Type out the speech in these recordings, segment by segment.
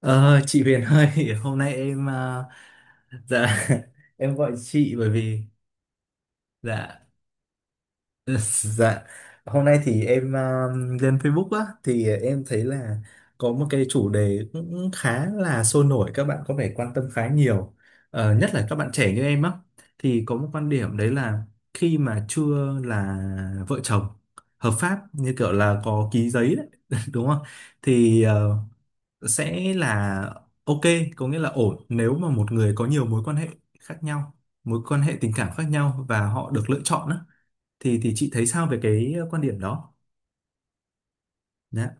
Ờ, chị Huyền ơi, hôm nay em dạ. Em gọi chị bởi vì dạ. Dạ, hôm nay thì em lên Facebook á, thì em thấy là có một cái chủ đề cũng khá là sôi nổi, các bạn có vẻ quan tâm khá nhiều. Nhất là các bạn trẻ như em á, thì có một quan điểm đấy là khi mà chưa là vợ chồng hợp pháp, như kiểu là có ký giấy đấy, đúng không? Thì sẽ là ok, có nghĩa là ổn nếu mà một người có nhiều mối quan hệ khác nhau, mối quan hệ tình cảm khác nhau và họ được lựa chọn á, thì chị thấy sao về cái quan điểm đó? Dạ.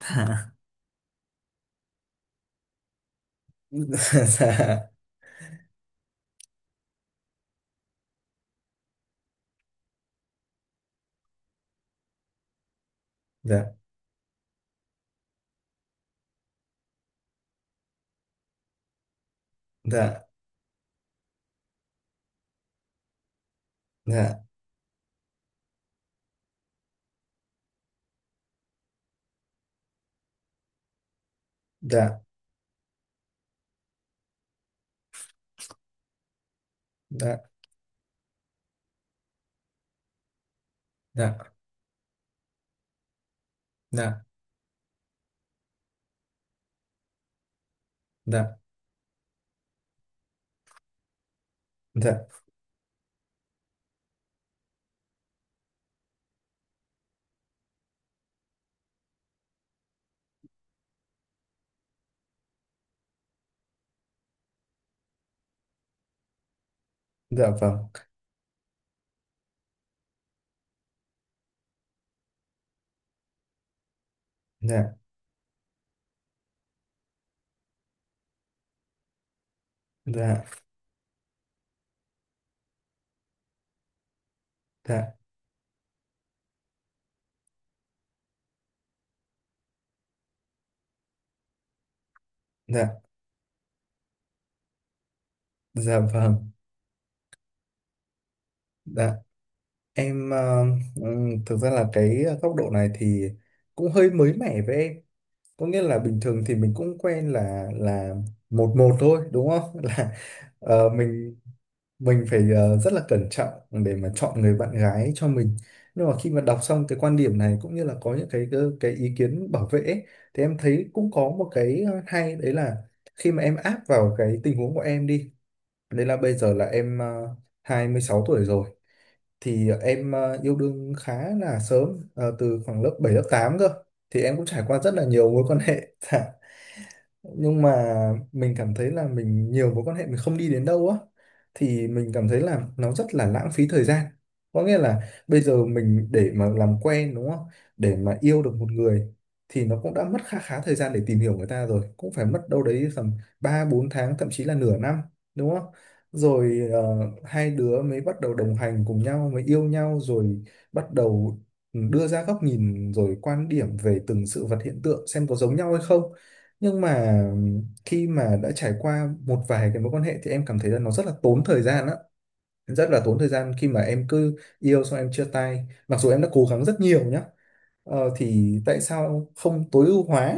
Dạ, dạ, dạ, dạ, dạ, dạ, dạ, dạ, dạ, dạ, dạ vâng, dạ, dạ, dạ, dạ, dạ vâng, dạ em thực ra là cái góc độ này thì cũng hơi mới mẻ với em. Có nghĩa là bình thường thì mình cũng quen là một một thôi đúng không? Là ờ, mình mình phải rất là cẩn trọng để mà chọn người bạn gái cho mình. Nhưng mà khi mà đọc xong cái quan điểm này cũng như là có những cái cái ý kiến bảo vệ ấy, thì em thấy cũng có một cái hay, đấy là khi mà em áp vào cái tình huống của em đi, đấy là bây giờ là em 26 tuổi rồi, thì em yêu đương khá là sớm, từ khoảng lớp 7 lớp 8 cơ, thì em cũng trải qua rất là nhiều mối quan hệ. Dạ. Nhưng mà mình cảm thấy là mình nhiều mối quan hệ mình không đi đến đâu á, thì mình cảm thấy là nó rất là lãng phí thời gian. Có nghĩa là bây giờ mình để mà làm quen đúng không, để mà yêu được một người thì nó cũng đã mất khá khá thời gian để tìm hiểu người ta, rồi cũng phải mất đâu đấy tầm 3 4 tháng, thậm chí là nửa năm, đúng không, rồi hai đứa mới bắt đầu đồng hành cùng nhau, mới yêu nhau, rồi bắt đầu đưa ra góc nhìn rồi quan điểm về từng sự vật hiện tượng xem có giống nhau hay không. Nhưng mà khi mà đã trải qua một vài cái mối quan hệ thì em cảm thấy là nó rất là tốn thời gian á, rất là tốn thời gian khi mà em cứ yêu xong em chia tay, mặc dù em đã cố gắng rất nhiều nhá. Thì tại sao không tối ưu hóa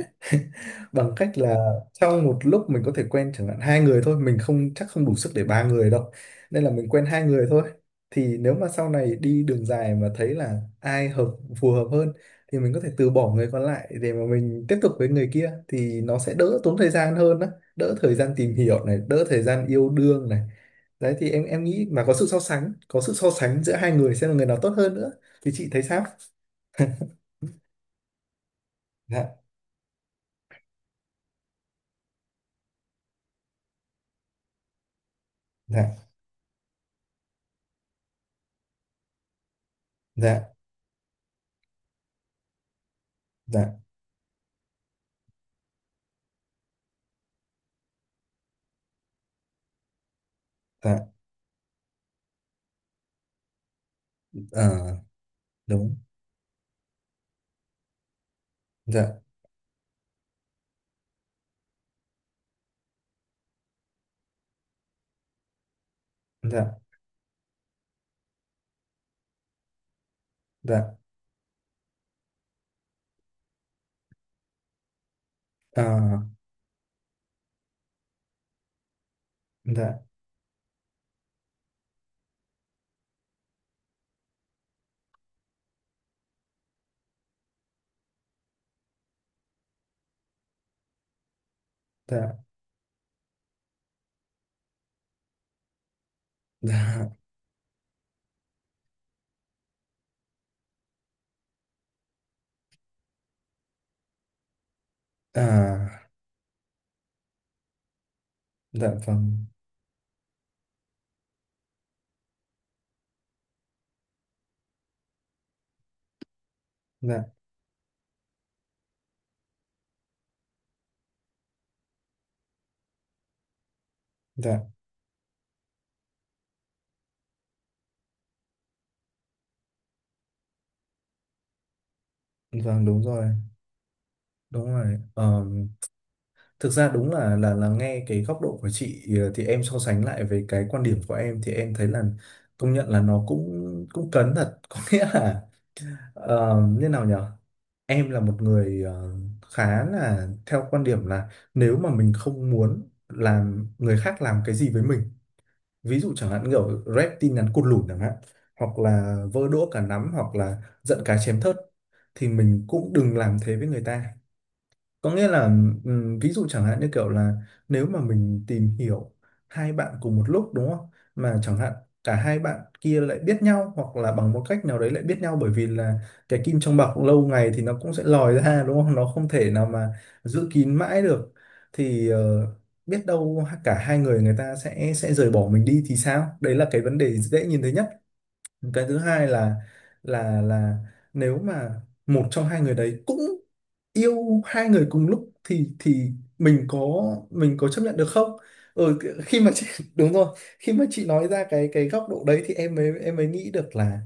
bằng cách là sau một lúc mình có thể quen chẳng hạn hai người thôi, mình không chắc không đủ sức để ba người đâu, nên là mình quen hai người thôi. Thì nếu mà sau này đi đường dài mà thấy là ai hợp, phù hợp hơn thì mình có thể từ bỏ người còn lại để mà mình tiếp tục với người kia, thì nó sẽ đỡ tốn thời gian hơn á, đỡ thời gian tìm hiểu này, đỡ thời gian yêu đương này. Đấy, thì em nghĩ mà có sự so sánh, có sự so sánh giữa hai người xem là người nào tốt hơn nữa, thì chị thấy sao? Dạ, dạ, dạ, dạ, dạ. Ờ, đúng. Dạ, dạ, dạ. À, dạ, dạ, dạ. À, dạ vâng, dạ, dạ vâng. Đúng rồi, đúng rồi. Thực ra đúng là nghe cái góc độ của chị, thì em so sánh lại với cái quan điểm của em, thì em thấy là công nhận là nó cũng cũng cấn thật. Có nghĩa là như nào nhở, em là một người, khá là theo quan điểm là nếu mà mình không muốn làm người khác làm cái gì với mình, ví dụ chẳng hạn như kiểu rep tin nhắn cụt lủn chẳng hạn, hoặc là vơ đũa cả nắm, hoặc là giận cá chém thớt, thì mình cũng đừng làm thế với người ta. Có nghĩa là ví dụ chẳng hạn như kiểu là nếu mà mình tìm hiểu hai bạn cùng một lúc đúng không? Mà chẳng hạn cả hai bạn kia lại biết nhau, hoặc là bằng một cách nào đấy lại biết nhau, bởi vì là cái kim trong bọc lâu ngày thì nó cũng sẽ lòi ra đúng không? Nó không thể nào mà giữ kín mãi được. Thì biết đâu cả hai người, người ta sẽ rời bỏ mình đi thì sao? Đấy là cái vấn đề dễ nhìn thấy nhất. Cái thứ hai là là nếu mà một trong hai người đấy cũng yêu hai người cùng lúc thì mình có, mình có chấp nhận được không? ừ, Khi mà chị, đúng rồi, khi mà chị nói ra cái góc độ đấy thì em mới nghĩ được là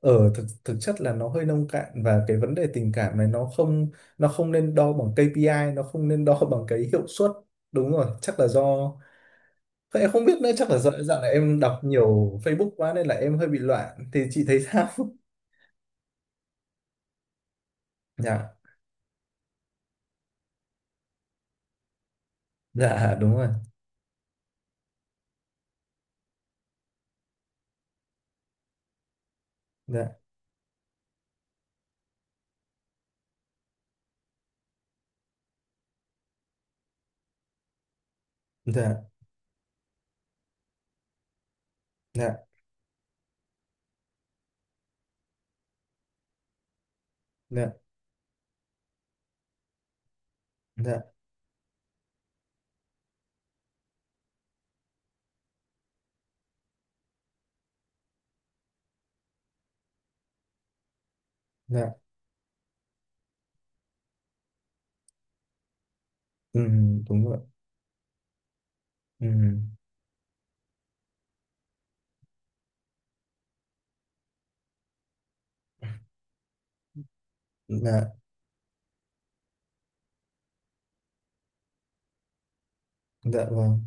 ở thực thực chất là nó hơi nông cạn, và cái vấn đề tình cảm này nó không, nó không nên đo bằng KPI, nó không nên đo bằng cái hiệu suất. Đúng rồi, chắc là do, thế em không biết nữa, chắc là do dạo này em đọc nhiều Facebook quá nên là em hơi bị loạn, thì chị thấy sao? Dạ, dạ đúng rồi. Dạ, dạ, dạ, dạ, dạ, dạ. Ừ, đúng rồi. Ừ, dạ, dạ vâng.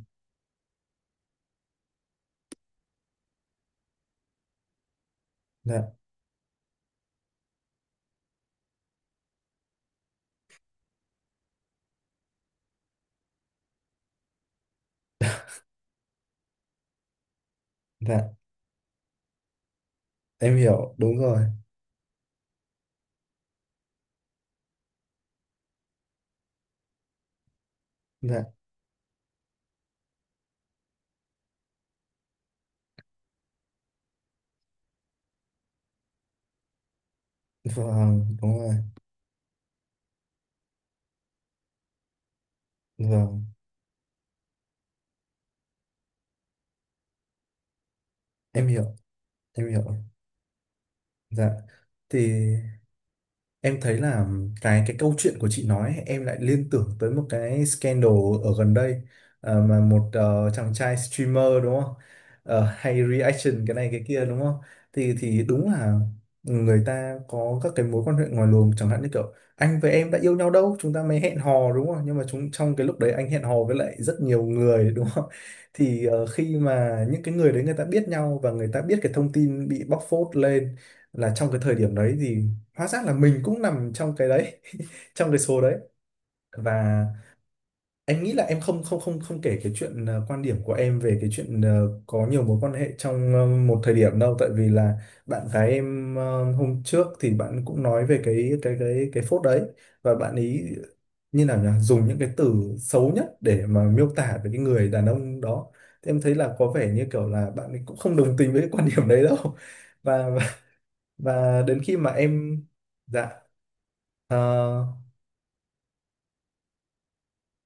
Dạ, dạ. Em hiểu, đúng rồi. Dạ, vâng, đúng rồi. Vâng, em hiểu, em hiểu. Dạ. Thì, em thấy là cái câu chuyện của chị nói ấy, em lại liên tưởng tới một cái scandal ở gần đây, mà một chàng trai streamer đúng không? Hay reaction cái này cái kia đúng không? Thì đúng là người ta có các cái mối quan hệ ngoài luồng, chẳng hạn như kiểu anh với em đã yêu nhau đâu, chúng ta mới hẹn hò đúng không? Nhưng mà chúng trong cái lúc đấy anh hẹn hò với lại rất nhiều người đúng không? Thì khi mà những cái người đấy người ta biết nhau và người ta biết cái thông tin bị bóc phốt lên, là trong cái thời điểm đấy thì hóa ra là mình cũng nằm trong cái đấy, trong cái số đấy, và anh nghĩ là em không không không không kể cái chuyện, quan điểm của em về cái chuyện, có nhiều mối quan hệ trong một thời điểm đâu, tại vì là bạn gái em, hôm trước thì bạn cũng nói về cái phốt đấy và bạn ấy như nào nhỉ, dùng những cái từ xấu nhất để mà miêu tả về cái người đàn ông đó, thì em thấy là có vẻ như kiểu là bạn ấy cũng không đồng tình với cái quan điểm đấy đâu. và và, và đến khi mà em dạ. Ờ,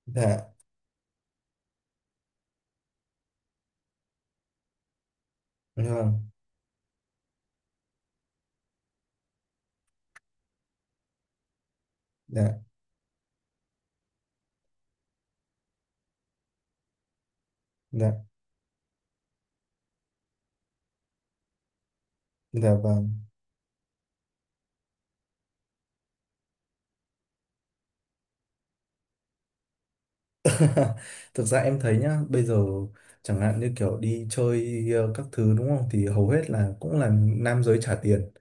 dạ, vâng, dạ, dạ, dạ vâng. Thực ra em thấy nhá, bây giờ chẳng hạn như kiểu đi chơi các thứ đúng không? Thì hầu hết là cũng là nam giới trả tiền.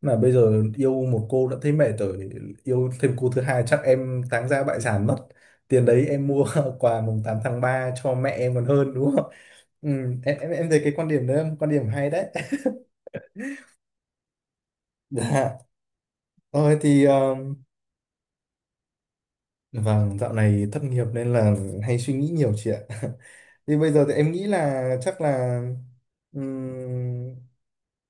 Mà bây giờ yêu một cô đã thấy mệt rồi, yêu thêm cô thứ hai chắc em táng ra bại sản mất. Tiền đấy em mua quà mùng 8 tháng 3 cho mẹ em còn hơn đúng không? Ừ, em thấy cái quan điểm đấy, là quan điểm hay đấy. Dạ, thôi thì vâng, dạo này thất nghiệp nên là hay suy nghĩ nhiều chị ạ. Thì bây giờ thì em nghĩ là chắc là ừm,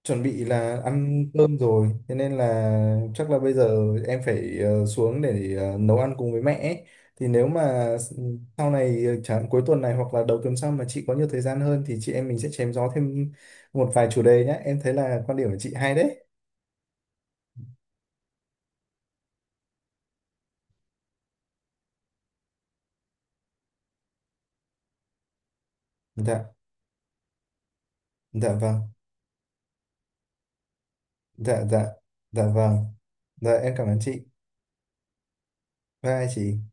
chuẩn bị là ăn cơm rồi, thế nên là chắc là bây giờ em phải xuống để nấu ăn cùng với mẹ ấy. Thì nếu mà sau này, chẳng cuối tuần này hoặc là đầu tuần sau mà chị có nhiều thời gian hơn thì chị em mình sẽ chém gió thêm một vài chủ đề nhé, em thấy là quan điểm của chị hay đấy. Dạ, dạ vâng, dạ, dạ, dạ vâng, dạ em cảm ơn chị. Bye chị.